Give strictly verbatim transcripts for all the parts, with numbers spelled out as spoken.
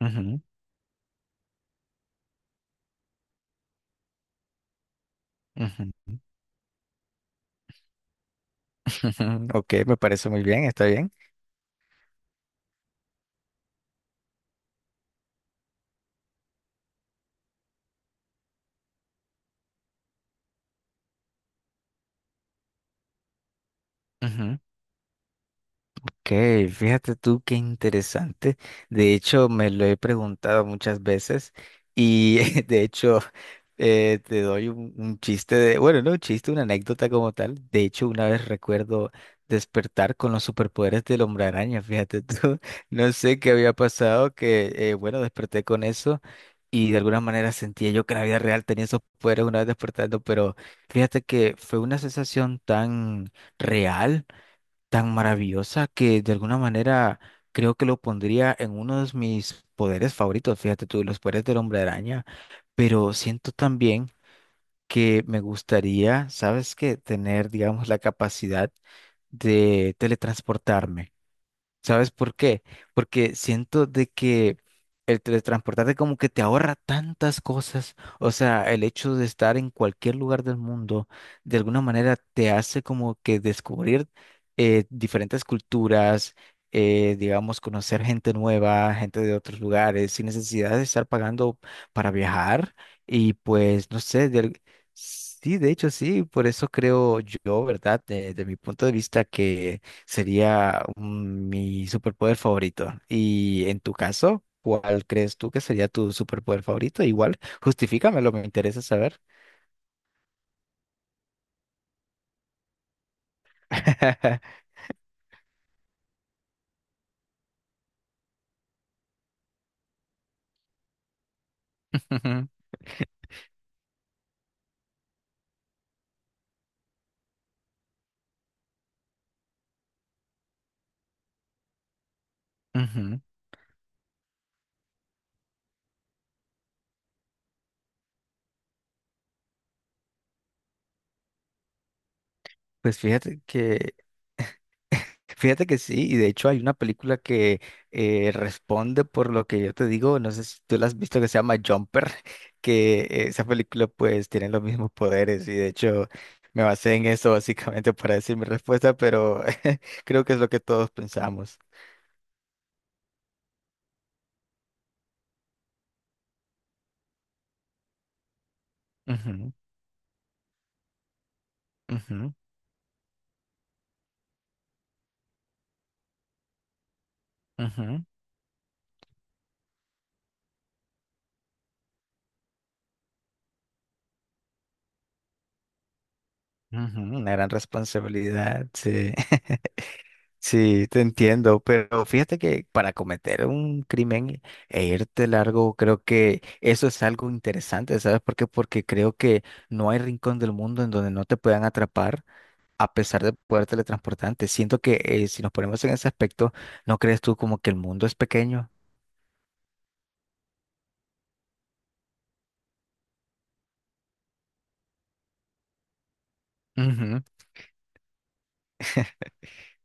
Ujú, ujú. Ok, me parece muy bien, está bien. Ok, fíjate tú qué interesante. De hecho, me lo he preguntado muchas veces y de hecho eh, te doy un, un chiste de, bueno, no un chiste, una anécdota como tal. De hecho, una vez recuerdo despertar con los superpoderes del hombre araña, fíjate tú. No sé qué había pasado, que eh, bueno, desperté con eso y de alguna manera sentía yo que en la vida real tenía esos poderes una vez despertando, pero fíjate que fue una sensación tan real, tan maravillosa que de alguna manera creo que lo pondría en uno de mis poderes favoritos, fíjate tú, los poderes del hombre araña, pero siento también que me gustaría, ¿sabes qué? Tener, digamos, la capacidad de teletransportarme. ¿Sabes por qué? Porque siento de que el teletransportarte como que te ahorra tantas cosas. O sea, el hecho de estar en cualquier lugar del mundo, de alguna manera te hace como que descubrir eh, diferentes culturas, eh, digamos, conocer gente nueva, gente de otros lugares, sin necesidad de estar pagando para viajar. Y pues, no sé, del- sí, de hecho sí, por eso creo yo, ¿verdad? de de mi punto de vista que... Sería mm, mi superpoder favorito. Y en tu caso, ¿cuál crees tú que sería tu superpoder favorito? Igual, justifícamelo, me interesa saber. Ujú, ujú. Pues fíjate que, fíjate que sí, y de hecho hay una película que eh, responde por lo que yo te digo, no sé si tú la has visto, que se llama Jumper, que eh, esa película pues tiene los mismos poderes y de hecho me basé en eso básicamente para decir mi respuesta, pero creo que es lo que todos pensamos. Ujú, ujú, ujú. Una gran responsabilidad, sí. Sí, te entiendo, pero fíjate que para cometer un crimen e irte largo, creo que eso es algo interesante, ¿sabes por qué? Porque creo que no hay rincón del mundo en donde no te puedan atrapar a pesar de poder teletransportarte. Siento que eh, si nos ponemos en ese aspecto, ¿no crees tú como que el mundo es pequeño?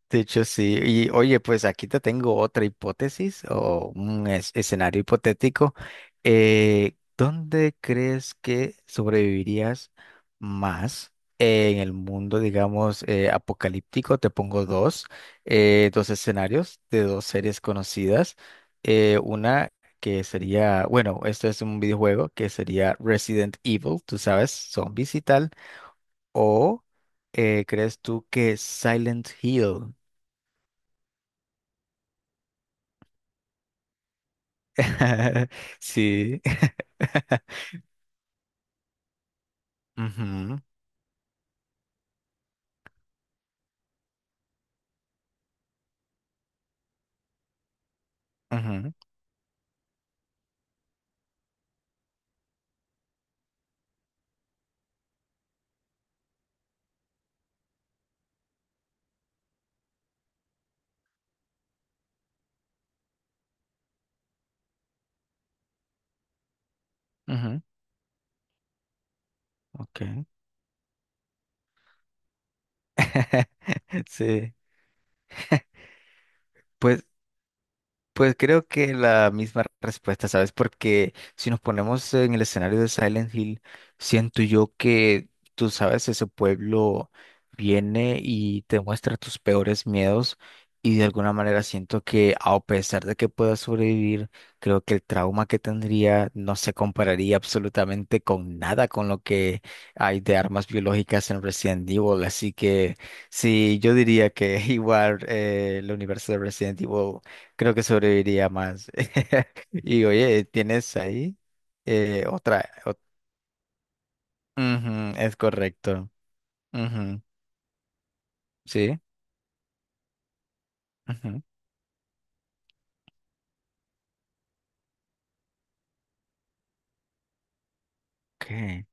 De hecho, sí. Y oye, pues aquí te tengo otra hipótesis o un es- escenario hipotético. Eh, ¿dónde crees que sobrevivirías más eh, en el mundo, digamos, eh, apocalíptico? Te pongo dos, eh, dos escenarios de dos series conocidas. Eh, una que sería, bueno, esto es un videojuego que sería Resident Evil, tú sabes, zombies y tal. O eh, ¿crees tú que Silent Hill? Sí. Ujú, ujú, ujú, ok. Sí. Pues Pues creo que la misma respuesta, ¿sabes? Porque si nos ponemos en el escenario de Silent Hill, siento yo que, tú sabes, ese pueblo viene y te muestra tus peores miedos y de alguna manera siento que a pesar de que puedas sobrevivir, creo que el trauma que tendría no se compararía absolutamente con nada con lo que hay de armas biológicas en Resident Evil. Así que sí, yo diría que igual eh, el universo de Resident Evil. Creo que sobreviviría más. Y oye, ¿tienes ahí eh, otra? ot- Ujú, es correcto. Ujú, sí. Ujú, ok,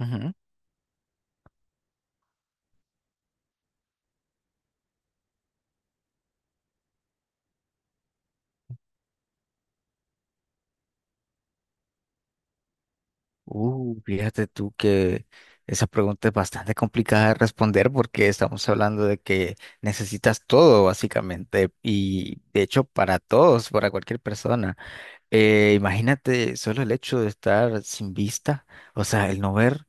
ujú. Uh, fíjate tú que esa pregunta es bastante complicada de responder porque estamos hablando de que necesitas todo, básicamente, y de hecho para todos, para cualquier persona. Eh, imagínate solo el hecho de estar sin vista, o sea, el no ver.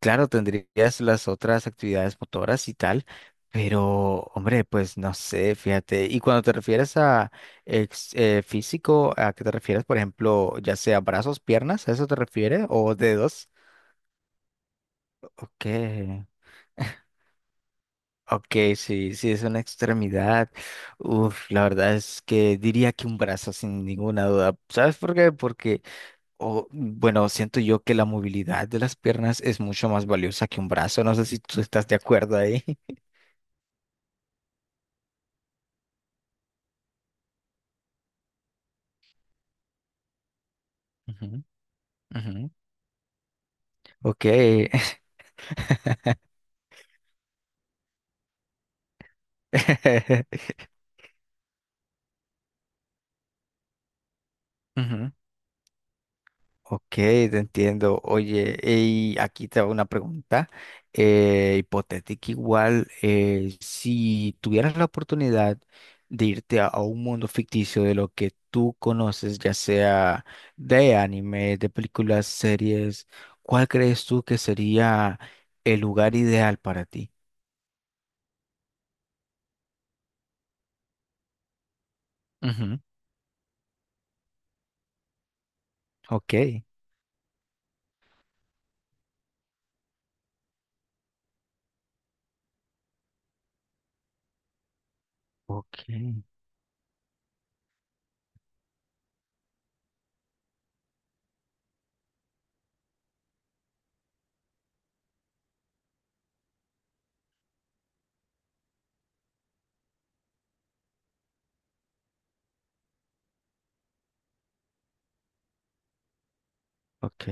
Claro, tendrías las otras actividades motoras y tal, pero hombre, pues no sé, fíjate. Y cuando te refieres a ex- eh, físico, ¿a qué te refieres? Por ejemplo, ya sea brazos, piernas, ¿a eso te refieres? ¿O dedos? Ok, ok, sí, sí, es una extremidad. Uf, la verdad es que diría que un brazo sin ninguna duda. ¿Sabes por qué? Porque, o bueno, siento yo que la movilidad de las piernas es mucho más valiosa que un brazo. No sé si tú estás de acuerdo ahí. Ujú, ok. Ujú. Ok, te entiendo. Oye, y aquí te hago una pregunta eh, hipotética igual. eh, si tuvieras la oportunidad de irte a, a un mundo ficticio de lo que tú conoces, ya sea de anime, de películas, series, ¿cuál crees tú que sería el lugar ideal para ti? Ujú. Ok, ok, ok,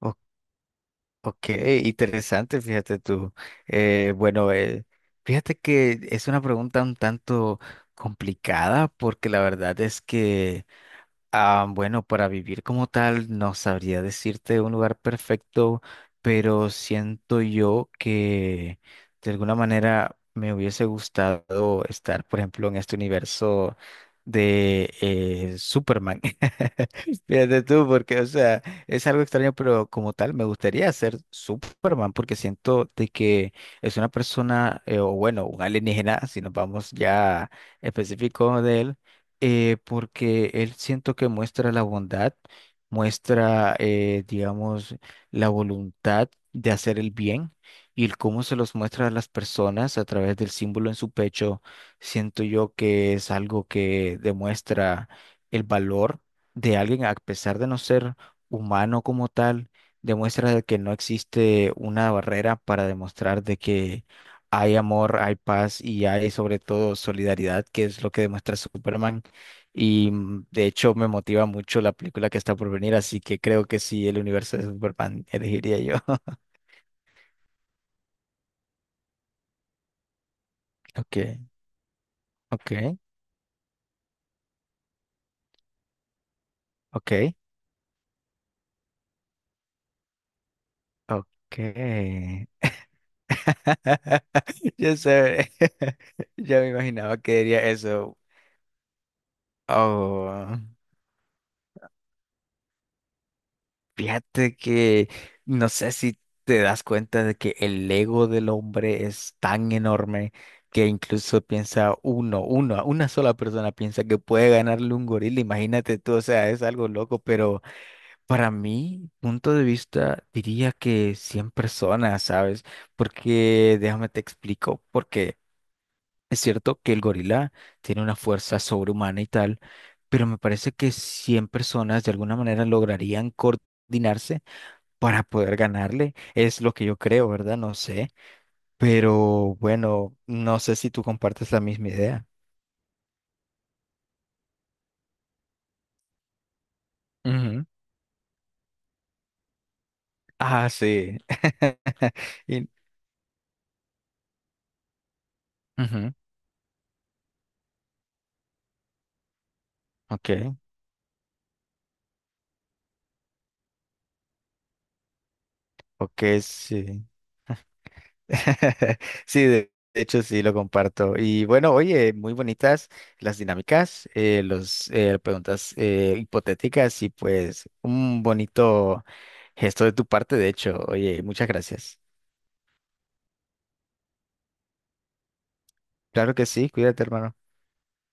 ok. Ok, interesante, fíjate tú. Eh, bueno, eh, fíjate que es una pregunta un tanto complicada porque la verdad es que, ah, bueno, para vivir como tal, no sabría decirte un lugar perfecto, pero siento yo que de alguna manera me hubiese gustado estar, por ejemplo, en este universo de eh, Superman. Fíjate tú, porque, o sea, es algo extraño, pero como tal, me gustaría ser Superman, porque siento de que es una persona, eh, o bueno, un alienígena, si nos vamos ya específico de él, eh, porque él siento que muestra la bondad, muestra, eh, digamos, la voluntad de hacer el bien y el cómo se los muestra a las personas a través del símbolo en su pecho, siento yo que es algo que demuestra el valor de alguien a pesar de no ser humano como tal, demuestra de que no existe una barrera para demostrar de que hay amor, hay paz y hay sobre todo solidaridad, que es lo que demuestra Superman. Y mm, de hecho me motiva mucho la película que está por venir, así que creo que sí, el universo de Superman elegiría yo. Ok, ok, ok, ok. Ya sé. Ya me imaginaba que diría eso. Oh. Fíjate que no sé si te das cuenta de que el ego del hombre es tan enorme que incluso piensa uno, uno, una sola persona piensa que puede ganarle un gorila. Imagínate tú, o sea, es algo loco, pero para mi punto de vista diría que cien personas, ¿sabes? Porque déjame te explico, porque es cierto que el gorila tiene una fuerza sobrehumana y tal, pero me parece que cien personas de alguna manera lograrían coordinarse para poder ganarle. Es lo que yo creo, ¿verdad? No sé. Pero bueno, no sé si tú compartes la misma idea. Ujú. Ah, sí. Y- Ujú. Ok, ok, sí. Sí, de de hecho sí lo comparto. Y bueno, oye, muy bonitas las dinámicas, eh, los eh, preguntas eh, hipotéticas y pues un bonito gesto de tu parte, de hecho. Oye, muchas gracias. Claro que sí, cuídate, hermano.